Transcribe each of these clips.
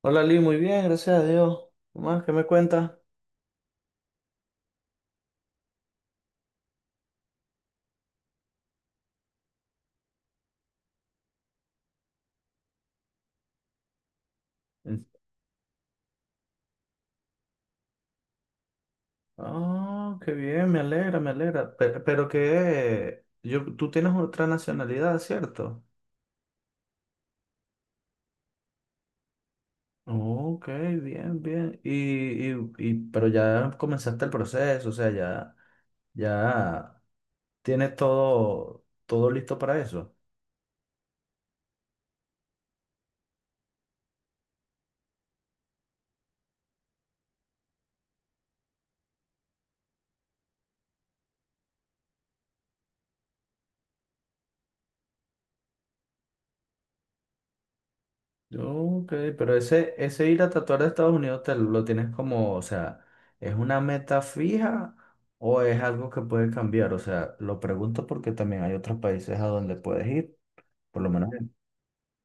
Hola Lee, muy bien, gracias a Dios. ¿Qué más? ¿Qué me cuentas? Mm. Ah, qué bien, me alegra, me alegra. Pero, tú tienes otra nacionalidad, ¿cierto? Ok, bien, bien. Pero ya comenzaste el proceso, o sea, ya tienes todo listo para eso. Ok, pero ese ir a tatuar a Estados Unidos te lo tienes como, o sea, ¿es una meta fija o es algo que puede cambiar? O sea, lo pregunto porque también hay otros países a donde puedes ir, por lo menos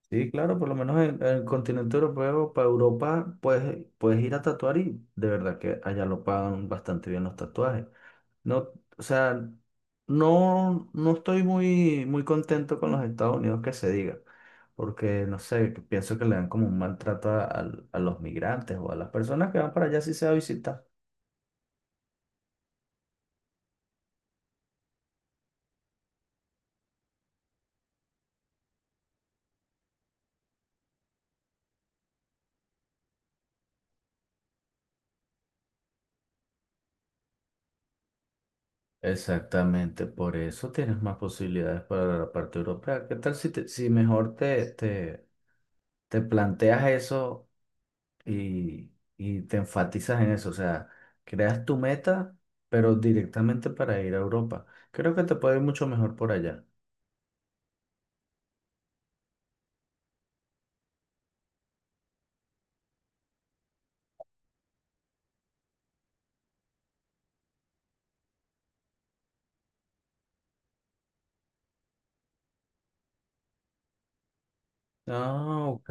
sí, claro, por lo menos en el continente europeo, para Europa, puedes ir a tatuar y de verdad que allá lo pagan bastante bien los tatuajes. No, o sea, no estoy muy, muy contento con los Estados Unidos que se diga, porque no sé, que pienso que le dan como un maltrato a los migrantes o a las personas que van para allá si se va a visitar. Exactamente, por eso tienes más posibilidades para la parte europea. ¿Qué tal si mejor te planteas eso? y, y te enfatizas en eso, o sea, creas tu meta, pero directamente para ir a Europa. Creo que te puede ir mucho mejor por allá. Ah, ok,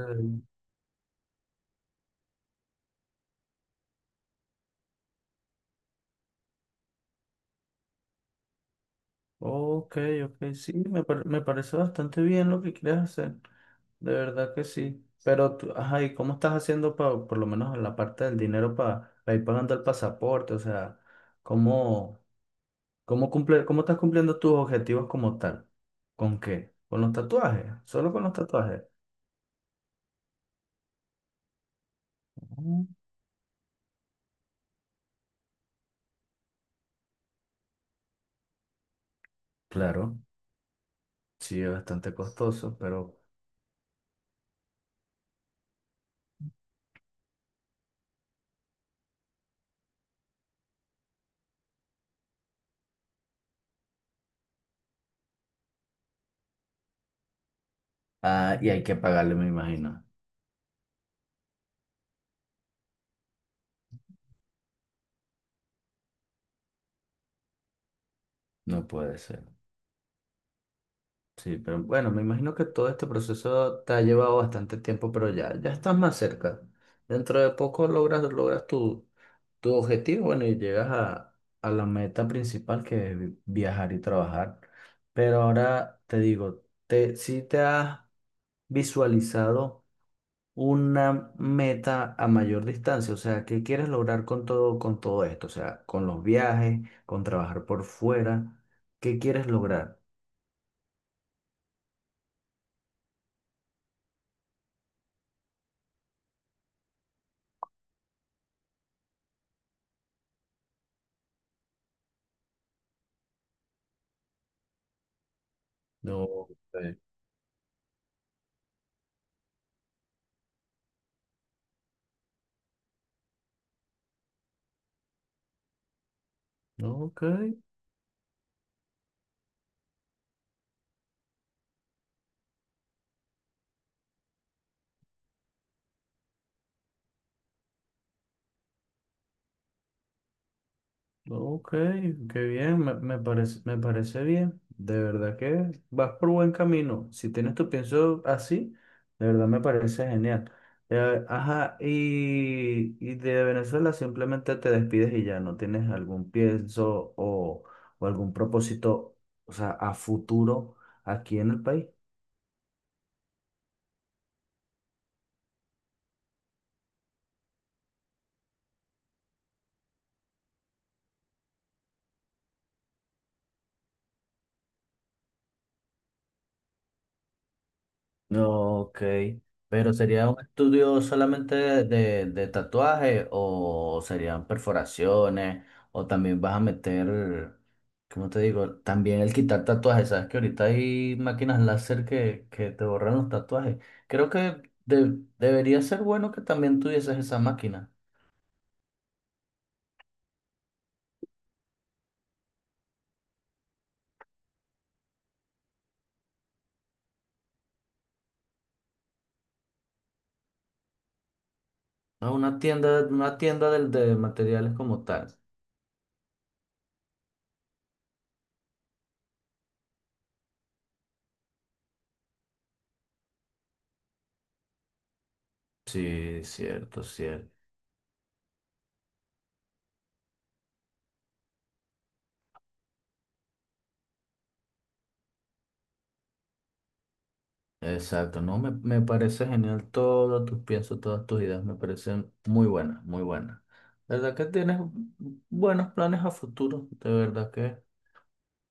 ok, ok, sí, me parece bastante bien lo que quieres hacer, de verdad que sí. Pero tú, ajá, ¿y cómo estás haciendo por lo menos en la parte del dinero para ir pagando el pasaporte? O sea, ¿cómo, cómo estás cumpliendo tus objetivos como tal? ¿Con qué? ¿Con los tatuajes? ¿Solo con los tatuajes? Claro, sí, es bastante costoso, pero... Ah, y hay que pagarle, me imagino. No puede ser. Sí, pero bueno, me imagino que todo este proceso te ha llevado bastante tiempo, pero ya estás más cerca. Dentro de poco logras tu objetivo, bueno, y llegas a la meta principal que es viajar y trabajar. Pero ahora te digo, si te has visualizado una meta a mayor distancia, o sea, ¿qué quieres lograr con todo esto? O sea, con los viajes, con trabajar por fuera, ¿qué quieres lograr? No, eh, ok, ok, qué bien, me parece bien. De verdad que vas por buen camino. Si tienes tu pienso así, de verdad me parece genial. Ajá, y de Venezuela simplemente te despides y ya no tienes algún pienso o algún propósito, o sea, a futuro aquí en el país. No, ok. Pero ¿sería un estudio solamente de tatuaje o serían perforaciones? O también vas a meter, ¿cómo te digo? También el quitar tatuajes. Sabes que ahorita hay máquinas láser que te borran los tatuajes. Creo que debería ser bueno que también tuvieses esa máquina. ¿No? Una tienda de materiales como tal. Sí, cierto, cierto. Exacto, no, me parece genial todo tus piensos, todas tus ideas, me parecen muy buenas, muy buenas. ¿Verdad que tienes buenos planes a futuro? De verdad que,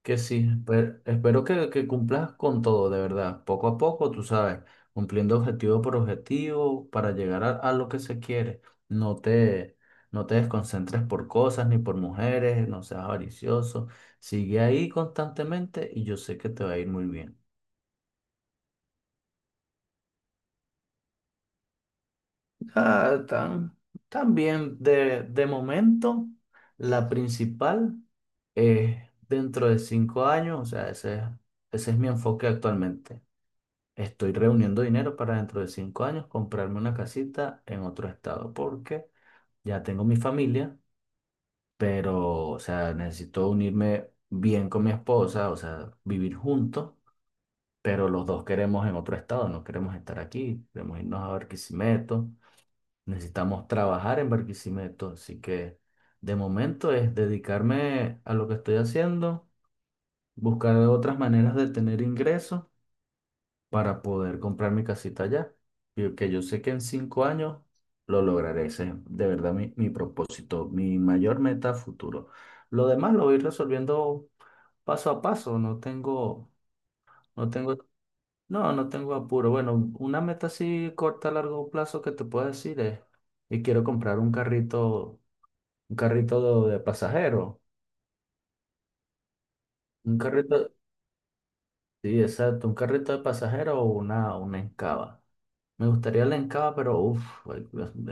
que sí, espero que cumplas con todo, de verdad, poco a poco, tú sabes, cumpliendo objetivo por objetivo para llegar a lo que se quiere. No te, no te desconcentres por cosas ni por mujeres, no seas avaricioso, sigue ahí constantemente y yo sé que te va a ir muy bien. Ah, también de momento, la principal es dentro de 5 años, o sea, ese es mi enfoque actualmente. Estoy reuniendo dinero para dentro de 5 años comprarme una casita en otro estado, porque ya tengo mi familia, pero, o sea, necesito unirme bien con mi esposa, o sea, vivir juntos, pero los dos queremos en otro estado, no queremos estar aquí, queremos irnos a Barquisimeto. Necesitamos trabajar en Barquisimeto, así que de momento es dedicarme a lo que estoy haciendo, buscar otras maneras de tener ingresos para poder comprar mi casita allá. Y que yo sé que en 5 años lo lograré. Ese es de verdad mi propósito, mi mayor meta a futuro. Lo demás lo voy resolviendo paso a paso. No tengo, no tengo apuro. Bueno, una meta así corta a largo plazo que te puedo decir es, y quiero comprar un carrito. Un carrito de pasajero. Un carrito, sí, exacto. Un carrito de pasajero o una Encava. Me gustaría la Encava, pero uff,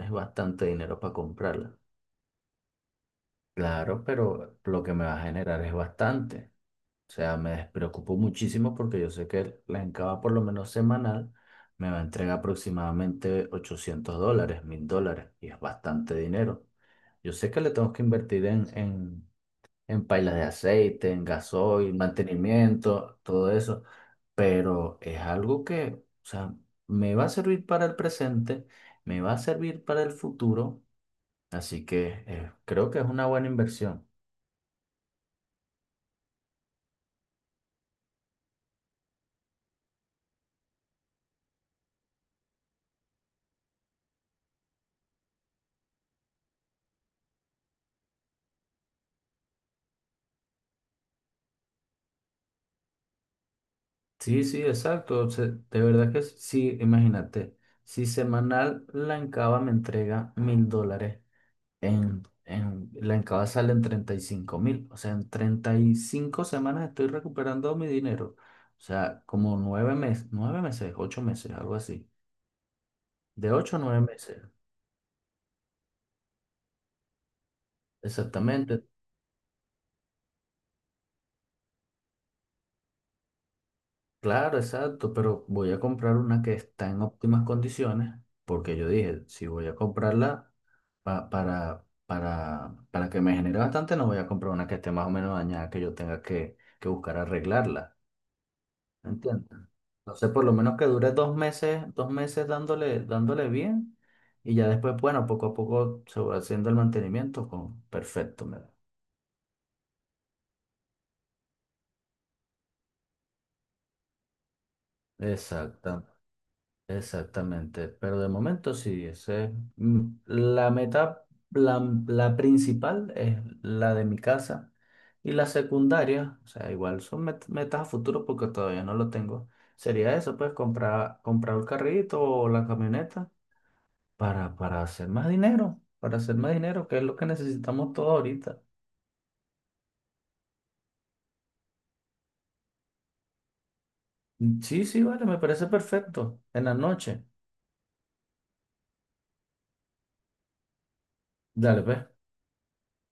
es bastante dinero para comprarla. Claro, pero lo que me va a generar es bastante. O sea, me despreocupo muchísimo porque yo sé que la Encava, por lo menos semanal, me va a entregar aproximadamente $800, $1,000, y es bastante dinero. Yo sé que le tengo que invertir en pailas de aceite, en gasoil, mantenimiento, todo eso, pero es algo que, o sea, me va a servir para el presente, me va a servir para el futuro, así que creo que es una buena inversión. Sí, sí, exacto, de verdad que sí, imagínate, si semanal la Encaba me entrega $1,000. La entrada salen 35,000. O sea, en 35 semanas estoy recuperando mi dinero. O sea, como 9 meses, 9 meses, 8 meses, algo así. De 8 a 9 meses. Exactamente. Claro, exacto. Pero voy a comprar una que está en óptimas condiciones. Porque yo dije, si voy a comprarla para que me genere bastante, no voy a comprar una que esté más o menos dañada, que yo tenga que buscar arreglarla. ¿Entiendes? Entonces, por lo menos que dure 2 meses, 2 meses dándole, dándole bien, y ya después, bueno, poco a poco se va haciendo el mantenimiento con perfecto, me da. Exacta, exactamente. Pero de momento sí, ese es, la meta, la, la principal es la de mi casa. Y la secundaria, o sea, igual son metas a futuro porque todavía no lo tengo. Sería eso, pues comprar el carrito o la camioneta para hacer más dinero, para hacer más dinero, que es lo que necesitamos todos ahorita. Sí, sí, vale, me parece perfecto. En la noche. Dale, pues.